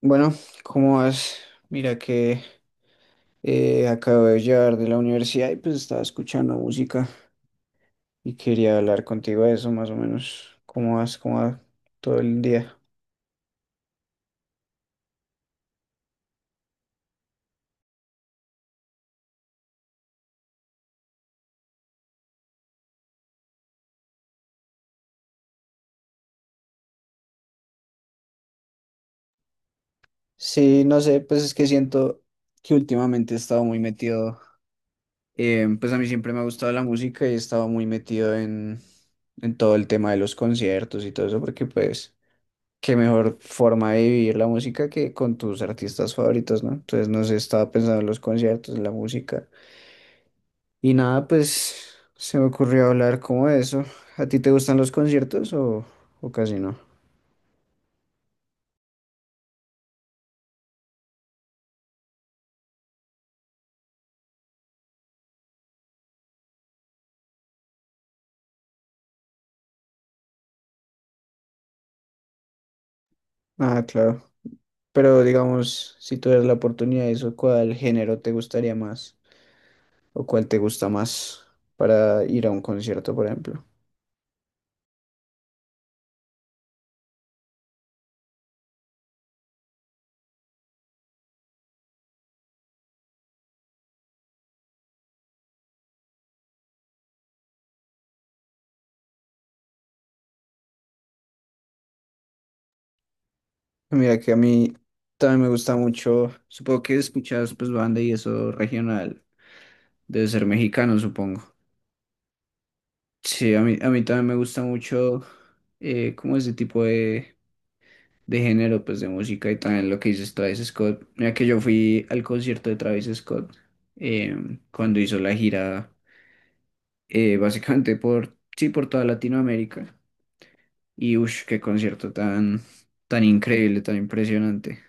Bueno, ¿cómo vas? Mira que acabo de llegar de la universidad y pues estaba escuchando música y quería hablar contigo de eso más o menos. ¿Cómo vas? ¿Cómo va todo el día? Sí, no sé, pues es que siento que últimamente he estado muy metido, pues a mí siempre me ha gustado la música y he estado muy metido en todo el tema de los conciertos y todo eso porque pues qué mejor forma de vivir la música que con tus artistas favoritos, ¿no? Entonces no sé, estaba pensando en los conciertos, en la música. Y nada, pues se me ocurrió hablar como de eso. ¿A ti te gustan los conciertos o casi no? Ah, claro. Pero digamos, si tuvieras la oportunidad de eso, ¿cuál género te gustaría más? ¿O cuál te gusta más para ir a un concierto, por ejemplo? Mira que a mí también me gusta mucho, supongo que escuchas pues banda y eso regional, debe ser mexicano, supongo. Sí, a mí también me gusta mucho como ese tipo de género, pues de música, y también lo que dices Travis Scott. Mira que yo fui al concierto de Travis Scott cuando hizo la gira, básicamente por, sí, por toda Latinoamérica. Y uff, qué concierto tan, tan increíble, tan impresionante.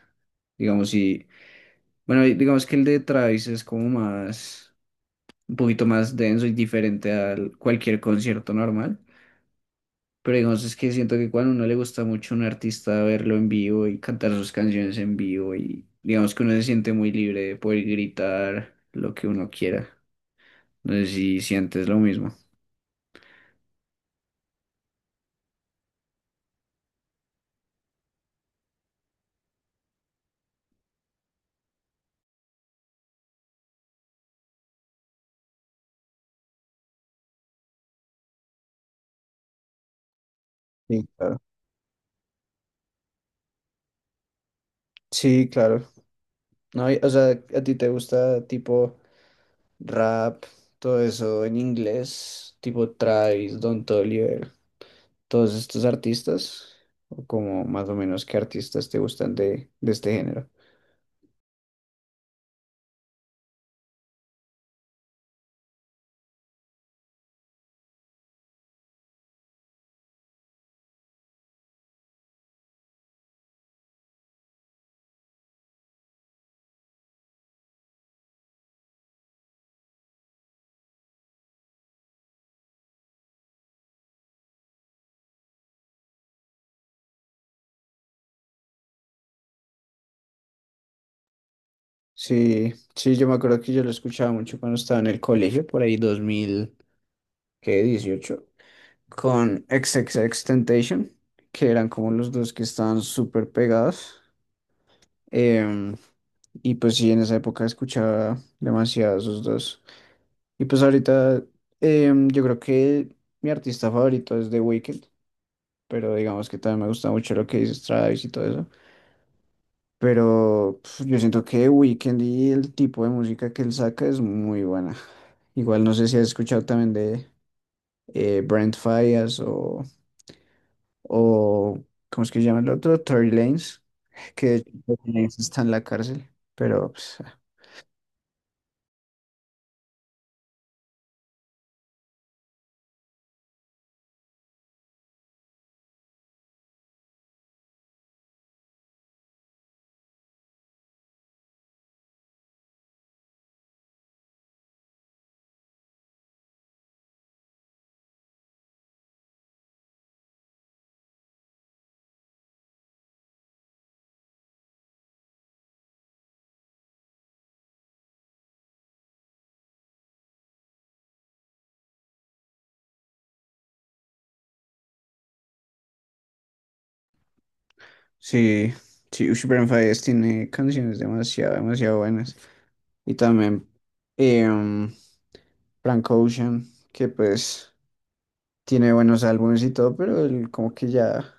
Digamos, y bueno, y digamos que el de Travis es como más, un poquito más denso y diferente al cualquier concierto normal. Pero digamos, es que siento que cuando a uno le gusta mucho a un artista, verlo en vivo y cantar sus canciones en vivo, y digamos que uno se siente muy libre de poder gritar lo que uno quiera. No sé si sientes lo mismo. Sí, claro. Sí, claro. No, o sea, ¿a ti te gusta tipo rap, todo eso en inglés, tipo Travis, Don Toliver, todos estos artistas? ¿O como más o menos qué artistas te gustan de este género? Sí, sí, yo me acuerdo que yo lo escuchaba mucho cuando estaba en el colegio, por ahí dos mil dieciocho, con XXXTentacion, que eran como los dos que estaban súper pegados. em, y pues sí, en esa época escuchaba demasiado esos dos. Y pues ahorita yo creo que mi artista favorito es The Weeknd, pero digamos que también me gusta mucho lo que dice Travis y todo eso. Pero pf, yo siento que Weekend y el tipo de música que él saca es muy buena. Igual no sé si has escuchado también de Brent Faiyaz o ¿cómo es que se llama el otro? Tory Lanez, que de hecho Tory Lanez está en la cárcel. Pero pues, ah, sí, sí, ush, Brent Faiyaz tiene canciones demasiado, demasiado buenas. Y también em, Frank Ocean, que pues tiene buenos álbumes y todo, pero él como que ya,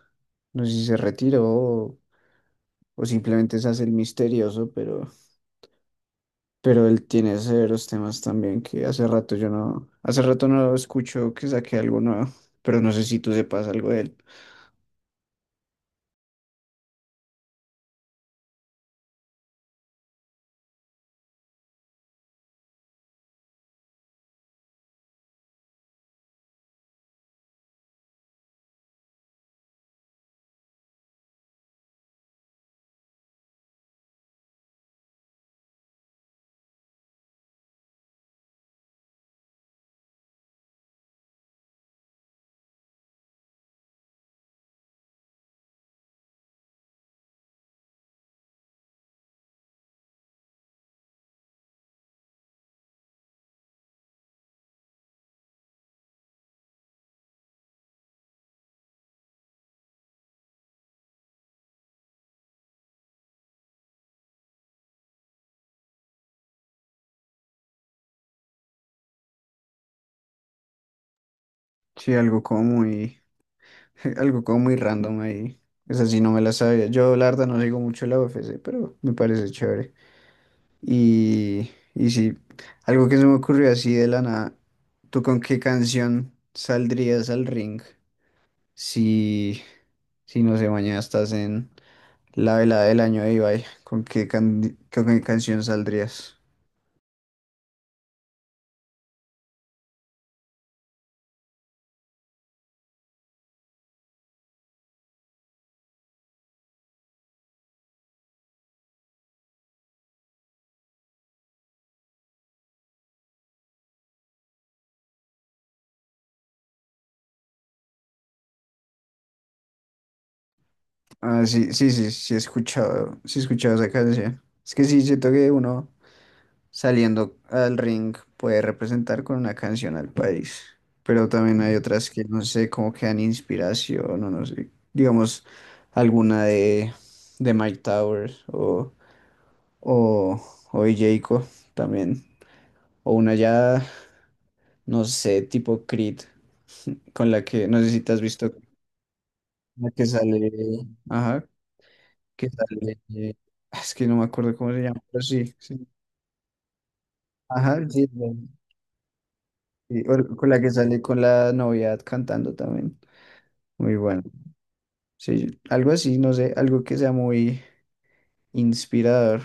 no sé si se retiró, o simplemente se hace el misterioso, pero él tiene severos temas también, que hace rato yo no, hace rato no escucho que saque algo nuevo, pero no sé si tú sepas algo de él. Sí, algo como muy, algo como muy random ahí. Esa sí no me la sabía. Yo, la verdad, no digo mucho la UFC, pero me parece chévere. Y sí, algo que se me ocurrió así de la nada. ¿Tú con qué canción saldrías al ring si, si no sé, mañana estás en la velada del año de Ibai, ¿con qué, can con qué canción saldrías? Ah, sí, sí, sí, sí he escuchado esa canción. Es que sí, siento que uno saliendo al ring puede representar con una canción al país, pero también hay otras que no sé, como que dan inspiración, o no sé, digamos alguna de Mike Towers o o de Jayco también, o una ya, no sé, tipo Creed, con la que, no sé si te has visto. La que sale, ajá, que sale, es que no me acuerdo cómo se llama, pero sí, sí. Ajá, sí, bueno, sí, con la que sale con la novia cantando también. Muy bueno. Sí, algo así, no sé, algo que sea muy inspirador.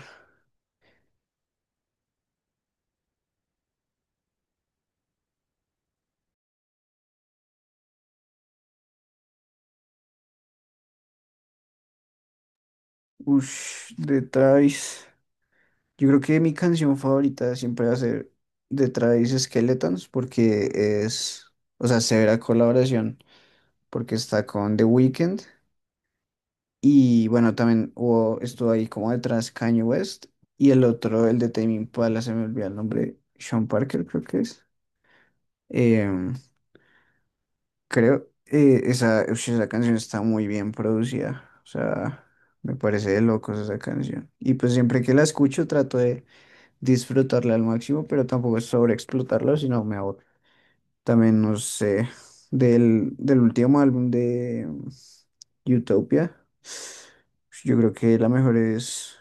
Ush, de Travis. Yo creo que mi canción favorita siempre va a ser de Travis, Skeletons, porque es, o sea, severa colaboración, porque está con The Weeknd. Y bueno, también hubo, estuvo ahí como detrás Kanye West. Y el otro, el de Tame Impala, se me olvidó el nombre, Sean Parker creo que es. Em, creo, esa, ush, esa canción está muy bien producida. O sea, me parece de locos esa canción. Y pues siempre que la escucho trato de disfrutarla al máximo, pero tampoco es sobreexplotarla, sino me aburro. También, no sé, del último álbum de Utopia, yo creo que la mejor es...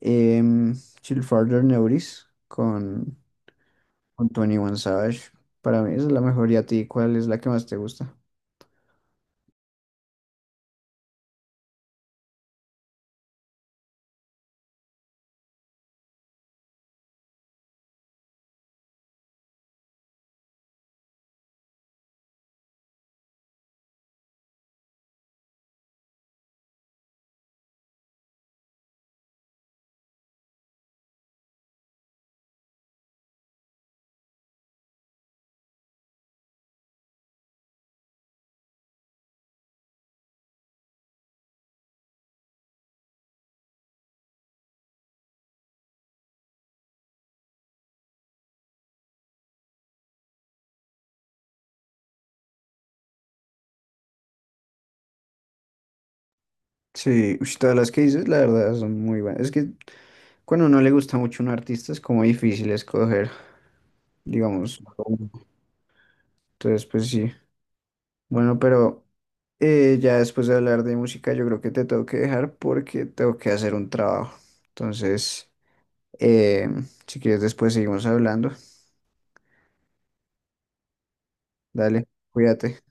Em, Chill Farther Notice con 21 Savage. Para mí esa es la mejor. ¿Y a ti cuál es la que más te gusta? Sí, ush, todas las que dices, la verdad, son muy buenas. Es que cuando no le gusta mucho un artista es como difícil escoger, digamos. Entonces, pues sí. Bueno, pero ya después de hablar de música, yo creo que te tengo que dejar porque tengo que hacer un trabajo. Entonces, si quieres, después seguimos hablando. Dale, cuídate.